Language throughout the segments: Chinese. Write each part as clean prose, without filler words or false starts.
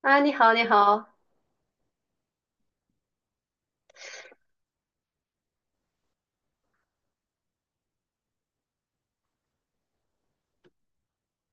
啊，你好，你好。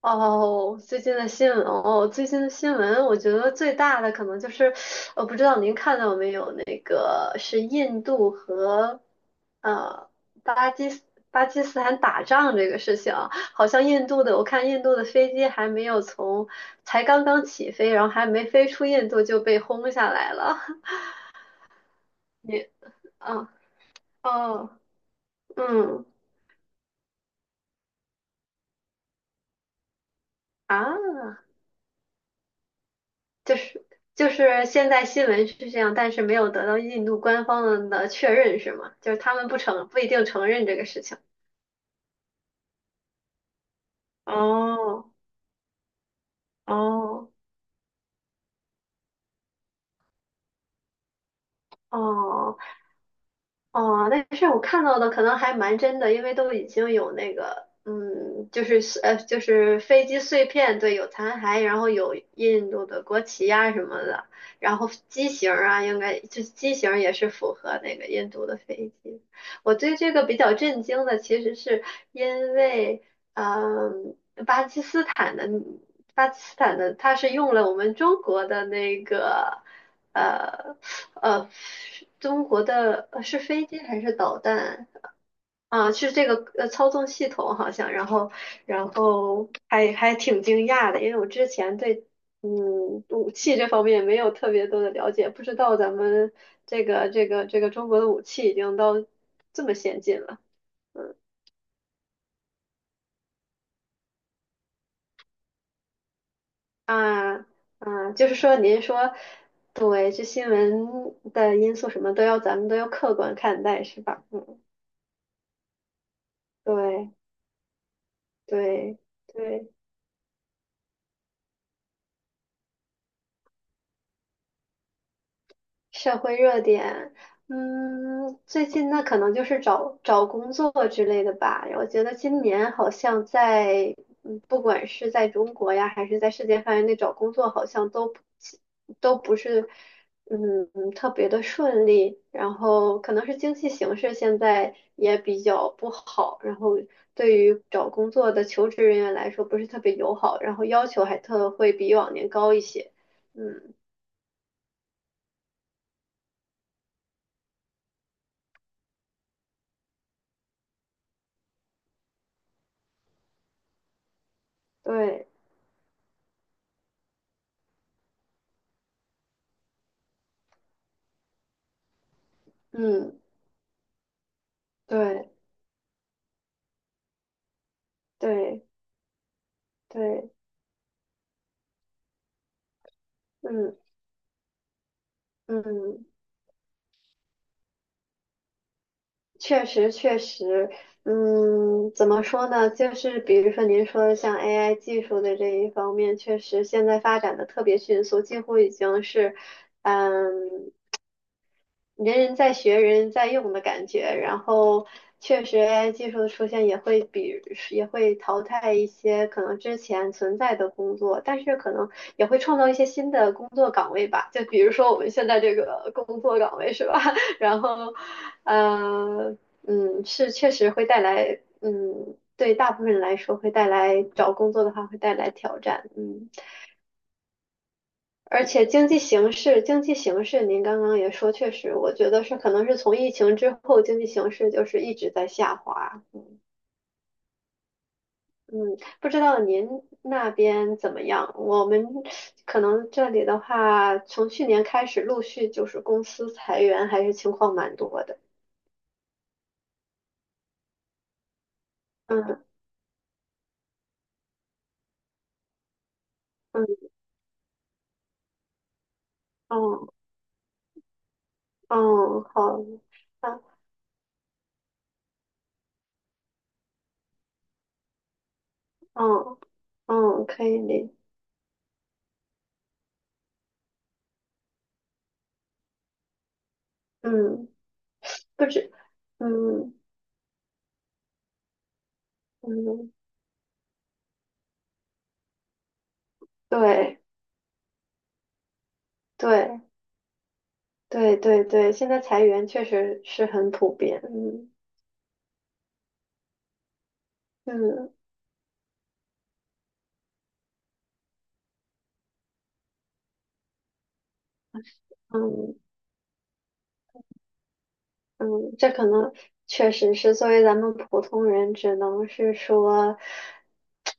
哦，最近的新闻哦，最近的新闻，我觉得最大的可能就是，我不知道您看到没有，那个是印度和呃巴基斯巴基斯坦打仗这个事情啊，好像印度的，我看印度的飞机还没有从，才刚刚起飞，然后还没飞出印度就被轰下来了。你，嗯，哦，嗯，啊。就是就是现在新闻是这样，但是没有得到印度官方的确认，是吗？就是他们不承不一定承认这个事情。哦哦哦，哦，但是我看到的可能还蛮真的，因为都已经有那个，嗯，就是，就是飞机碎片，对，有残骸，然后有印度的国旗呀、什么的，然后机型儿啊，应该就是机型儿也是符合那个印度的飞机。我对这个比较震惊的，其实是因为，嗯。巴基斯坦的巴基斯坦的它是用了我们中国的那个呃呃中国的呃是飞机还是导弹啊？是这个呃操纵系统好像，然后然后还挺惊讶的，因为我之前对嗯武器这方面没有特别多的了解，不知道咱们这个中国的武器已经到这么先进了。嗯。啊，啊，就是说，您说，对，这新闻的因素什么都要，咱们都要客观看待，是吧？嗯，对，对，对。社会热点，嗯，最近那可能就是找找工作之类的吧。我觉得今年好像在，嗯，不管是在中国呀，还是在世界范围内找工作，好像都不是，嗯，特别的顺利。然后可能是经济形势现在也比较不好，然后对于找工作的求职人员来说不是特别友好，然后要求还特会比往年高一些。嗯，对，嗯，对。对对，嗯嗯，确实确实，嗯，怎么说呢？就是比如说您说的像 AI 技术的这一方面，确实现在发展的特别迅速，几乎已经是，嗯。人人在学，人人在用的感觉。然后，确实 AI 技术的出现也会淘汰一些可能之前存在的工作，但是可能也会创造一些新的工作岗位吧。就比如说我们现在这个工作岗位是吧？然后，呃，嗯，是确实会带来，嗯，对大部分人来说会带来找工作的话会带来挑战，嗯。而且经济形势您刚刚也说，确实，我觉得是可能是从疫情之后，经济形势就是一直在下滑。嗯，不知道您那边怎么样？我们可能这里的话，从去年开始陆续就是公司裁员，还是情况蛮多的。嗯嗯嗯嗯，好啊，嗯嗯，可以理，嗯，不止，嗯嗯，对对。对对对，现在裁员确实是很普遍，嗯嗯嗯嗯，这可能确实是作为咱们普通人，只能是说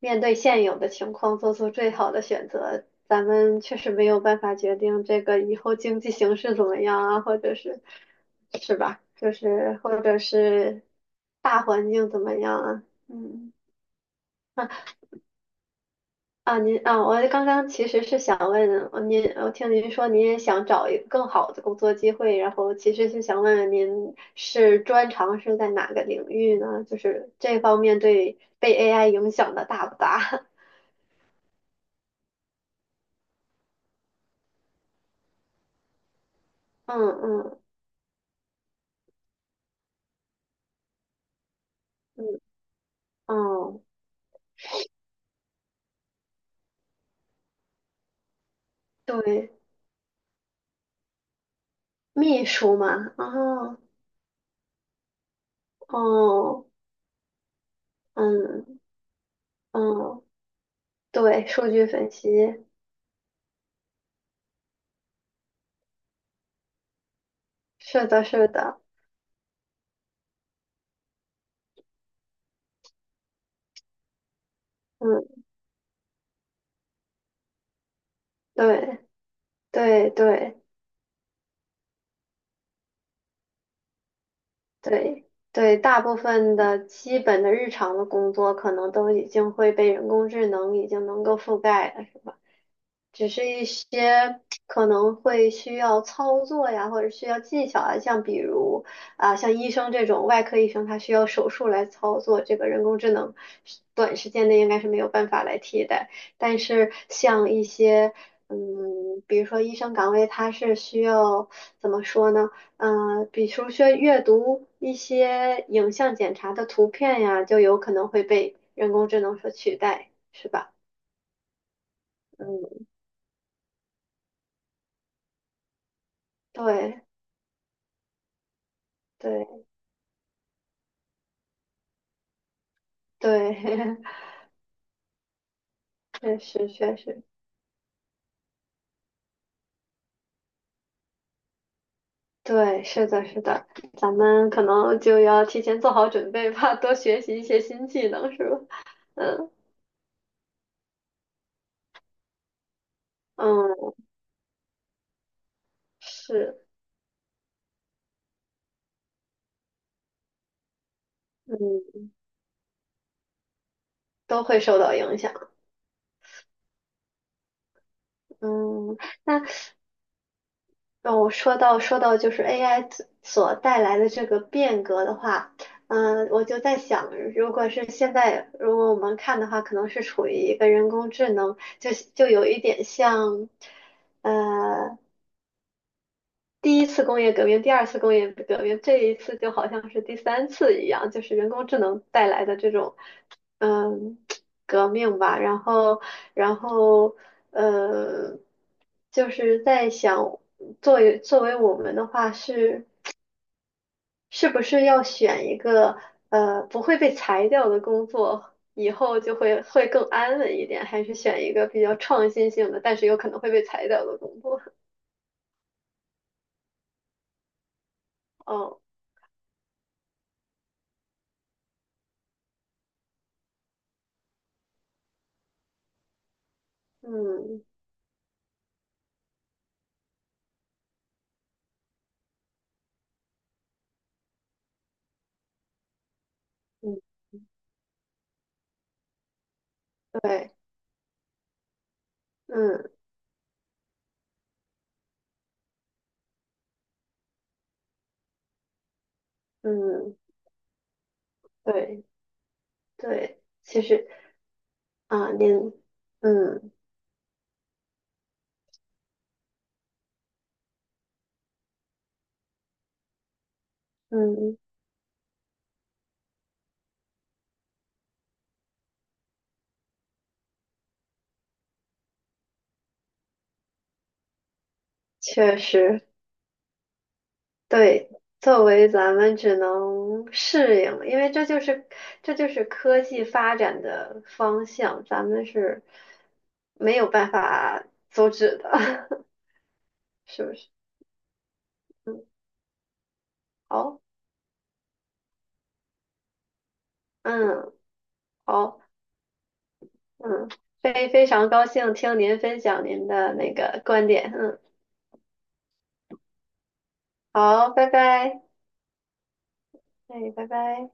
面对现有的情况做出最好的选择。咱们确实没有办法决定这个以后经济形势怎么样啊，或者是是吧？就是或者是大环境怎么样啊？嗯啊，您啊，我刚刚其实是想问您，我听您说您也想找一个更好的工作机会，然后其实是想问问您是专长是在哪个领域呢？就是这方面对被 AI 影响的大不大？嗯嗯嗯，哦，对，秘书嘛，哦哦，嗯嗯，对，数据分析，是的，是的，嗯，对对对。对对，大部分的基本的日常的工作可能都已经会被人工智能已经能够覆盖了。只是一些可能会需要操作呀，或者需要技巧啊，像比如啊，像医生这种外科医生，他需要手术来操作，这个人工智能是短时间内应该是没有办法来替代。但是像一些嗯，比如说医生岗位，它是需要怎么说呢？嗯、比如说阅读一些影像检查的图片呀，就有可能会被人工智能所取代，是吧？嗯，对。对。对，确实确实，对，是的，是的，咱们可能就要提前做好准备吧，多学习一些新技能，是吧？嗯嗯，是，嗯，都会受到影响。嗯，那让我说到就是 AI 所带来的这个变革的话，嗯，我就在想，如果是现在，如果我们看的话，可能是处于一个人工智能，就有一点像。呃，第一次工业革命、第二次工业革命，这一次就好像是第三次一样，就是人工智能带来的这种，嗯，革命吧。然后，然后，呃，就是在想，作为我们的话，是是不是要选一个不会被裁掉的工作，以后就会更安稳一点，还是选一个比较创新性的，但是有可能会被裁掉的工作？哦，嗯，嗯，对，嗯。嗯，对对，其实啊，您，嗯嗯，确实对。作为咱们只能适应，因为这就是科技发展的方向，咱们是没有办法阻止的，是不是？嗯，好，嗯，好，嗯，非常高兴听您分享您的那个观点，嗯，好，拜拜，哎，拜拜。